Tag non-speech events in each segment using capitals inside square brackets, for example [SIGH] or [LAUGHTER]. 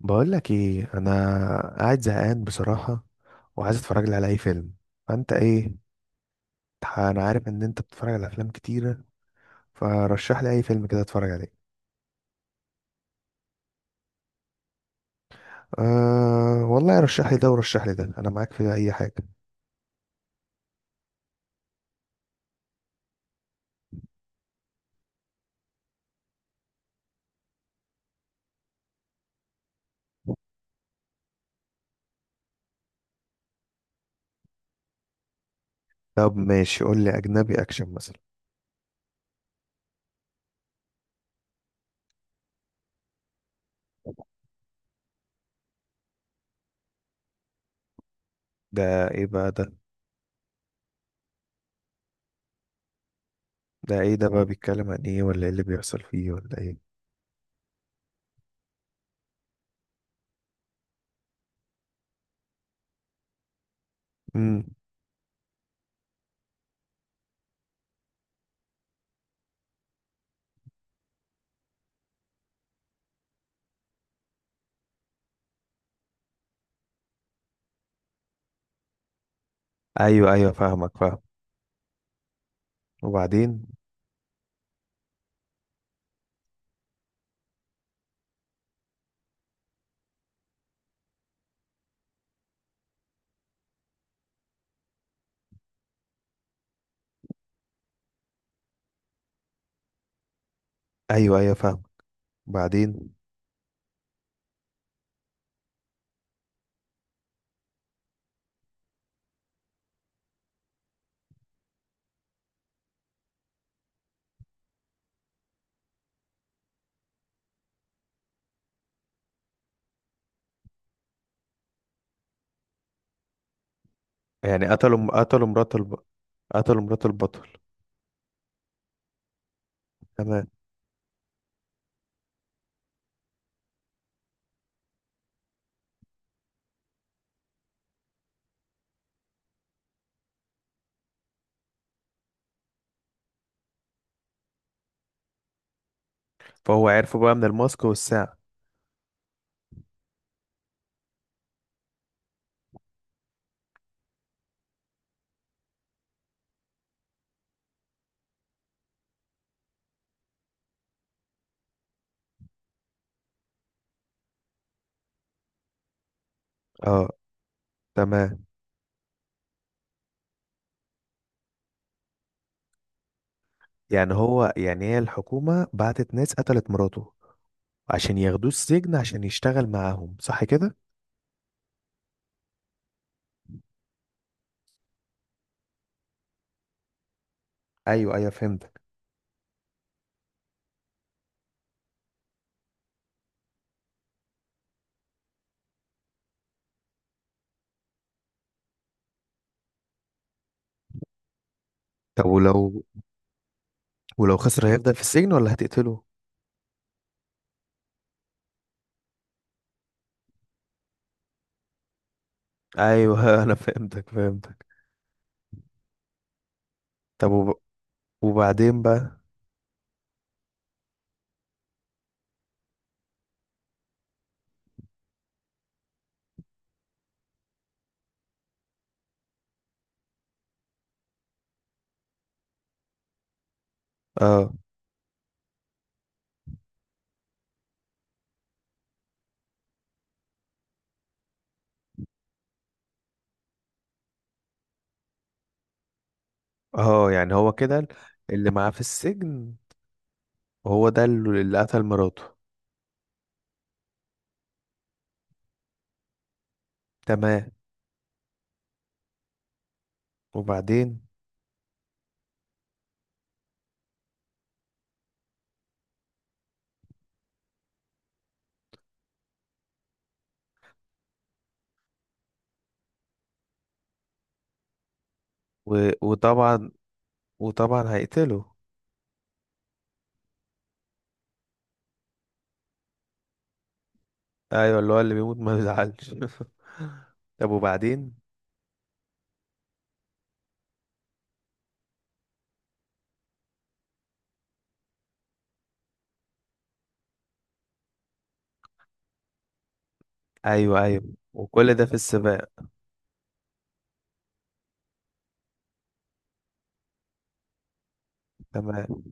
بقول لك ايه. انا قاعد زهقان بصراحه، وعايز اتفرج لي على اي فيلم. فانت ايه؟ انا عارف ان انت بتتفرج على افلام كتيره، فرشح لي اي فيلم كده اتفرج عليه. أه والله رشح لي ده ورشح لي ده، انا معاك في اي حاجه. طب ماشي، قول لي اجنبي اكشن مثلا. ده ايه بقى ده؟ ده ايه ده بقى؟ بيتكلم عن ايه ولا ايه اللي بيحصل فيه ولا ايه؟ امم ايوه ايوه، فاهمك فاهم. وبعدين؟ ايوه ايوه فاهم. بعدين؟ يعني قتلوا مرات قتلوا مرات البطل؟ تمام. فهو عرفه بقى من الماسك والساعة. اه، تمام. يعني هو، يعني هي الحكومة بعتت ناس قتلت مراته عشان ياخدوه السجن عشان يشتغل معاهم، صح كده؟ ايوه ايوه فهمتك. طب ولو، ولو خسر هيفضل في السجن ولا هتقتله؟ ايوه [LAUGHS] انا فهمتك فهمتك. طب وبعدين بقى؟ اه اه، يعني هو كده اللي معاه في السجن هو ده اللي اللي قتل مراته. تمام. وبعدين؟ وطبعا، وطبعا هيقتله. ايوه، اللي هو اللي بيموت ما بيزعلش [LAUGHS] طب وبعدين؟ ايوه ايوه. وكل ده في السباق؟ تمام.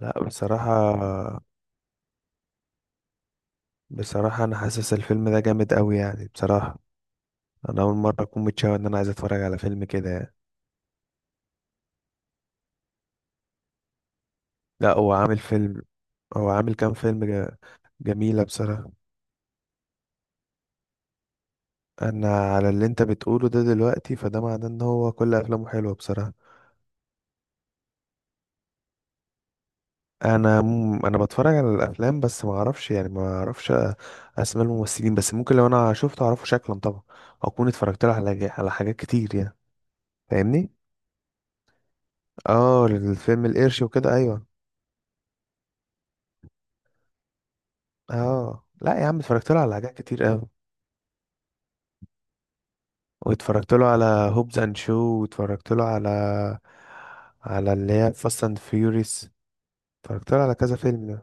لا بصراحه، بصراحه انا حاسس الفيلم ده جامد قوي يعني بصراحه. انا اول مره اكون متشوق ان انا عايز اتفرج على فيلم كده يعني. لا هو عامل فيلم. هو عامل كام فيلم جميله بصراحه. انا على اللي انت بتقوله ده دلوقتي، فده معناه ان هو كل افلامه حلوه بصراحه. انا بتفرج على الافلام بس ما اعرفش يعني ما اعرفش اسماء الممثلين، بس ممكن لو انا شفته اعرفه شكلا طبعا. او اكون اتفرجت له على على حاجات كتير يعني. فاهمني. اه الفيلم القرش وكده، ايوه. اه لا يا عم اتفرجت له على حاجات كتير قوي. واتفرجت له على هوبز اند شو، واتفرجت له على على اللي هي فاست اند فيوريس. اتفرجت له على كذا فيلم.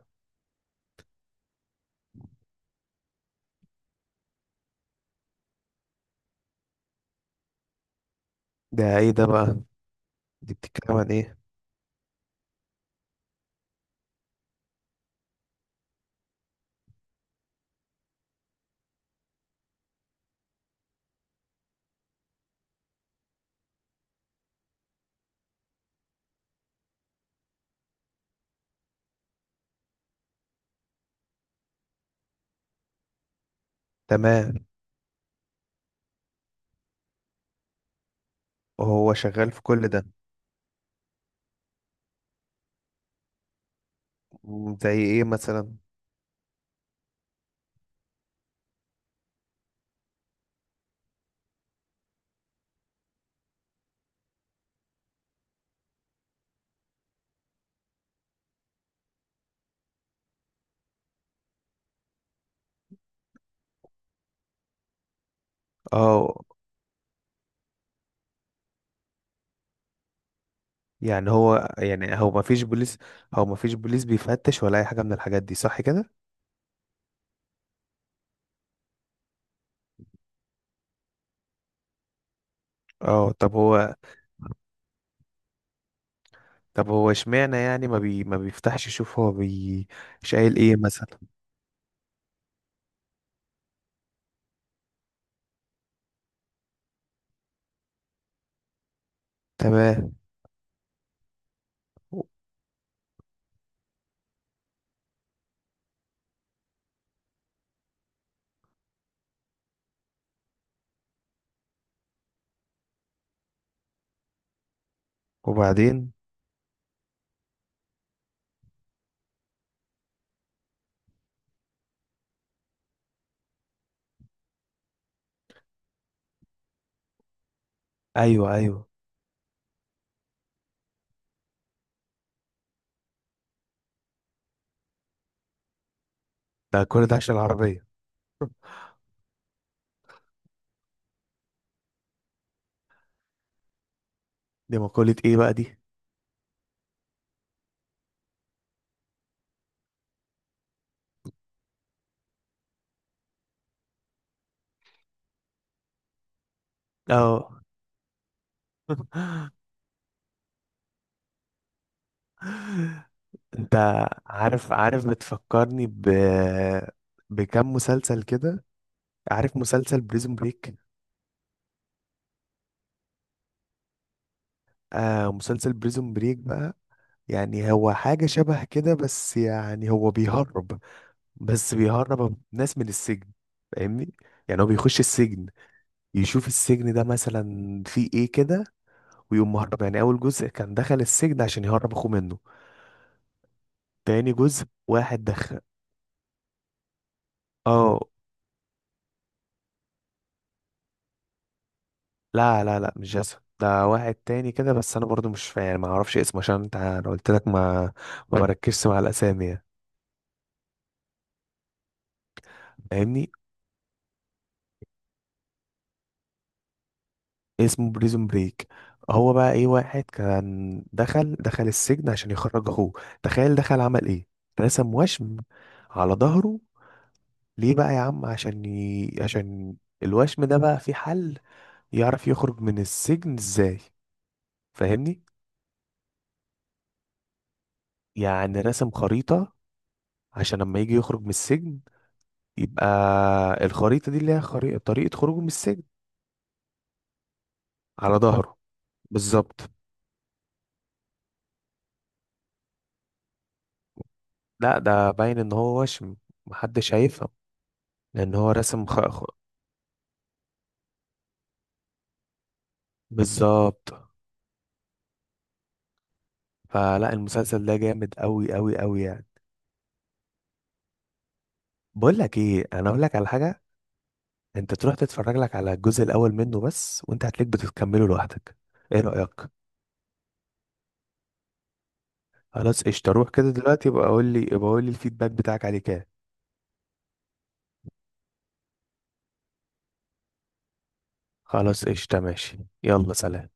ده ايه ده بقى؟ دي بتتكلم عن ايه؟ تمام. وهو شغال في كل ده؟ زي ايه مثلا؟ اه، يعني هو، يعني هو ما فيش بوليس؟ هو ما فيش بوليس بيفتش ولا اي حاجه من الحاجات دي، صح كده؟ اه طب هو، طب هو اشمعنى يعني ما بيفتحش يشوف؟ هو بي شايل ايه مثلا؟ تمام. وبعدين؟ ايوه ايوه. ده كل ده عشان العربيه؟ دي مقوله ايه بقى دي؟ اه [LAUGHS] انت عارف، عارف بتفكرني ب، بكم مسلسل كده. عارف مسلسل بريزون بريك؟ آه مسلسل بريزون بريك بقى، يعني هو حاجة شبه كده، بس يعني هو بيهرب، بس بيهرب ناس من السجن. فاهمني؟ يعني هو بيخش السجن يشوف السجن ده مثلا فيه ايه كده، ويقوم مهرب. يعني اول جزء كان دخل السجن عشان يهرب اخوه منه. تاني جزء واحد دخل. اه لا لا لا، مش جاسون، ده واحد تاني كده. بس انا برضو مش فاهم يعني ما اعرفش اسمه، عشان انت انا قلت لك ما ما بركزش مع الاسامي يعني. فاهمني. اسمه بريزون بريك. هو بقى ايه، واحد كان دخل دخل السجن عشان يخرج اخوه. تخيل دخل عمل ايه، رسم وشم على ظهره. ليه بقى يا عم؟ عشان عشان الوشم ده بقى في حل يعرف يخرج من السجن ازاي. فاهمني؟ يعني رسم خريطة، عشان لما يجي يخرج من السجن يبقى الخريطة دي اللي هي طريقة خروجه من السجن. على ظهره. بالظبط. لا ده باين ان هو وشم، محدش هيفهم، لان هو بالظبط. فلا المسلسل ده جامد قوي قوي قوي يعني. بقول لك ايه، انا اقول لك على حاجه. انت تروح تتفرج لك على الجزء الاول منه بس، وانت هتلاقيك بتكمله لوحدك. ايه رايك؟ خلاص قشطه، روح كده دلوقتي، يبقى قول لي، يبقى قول لي الفيدباك بتاعك عليه كده. خلاص قشطه ماشي، يلا سلام.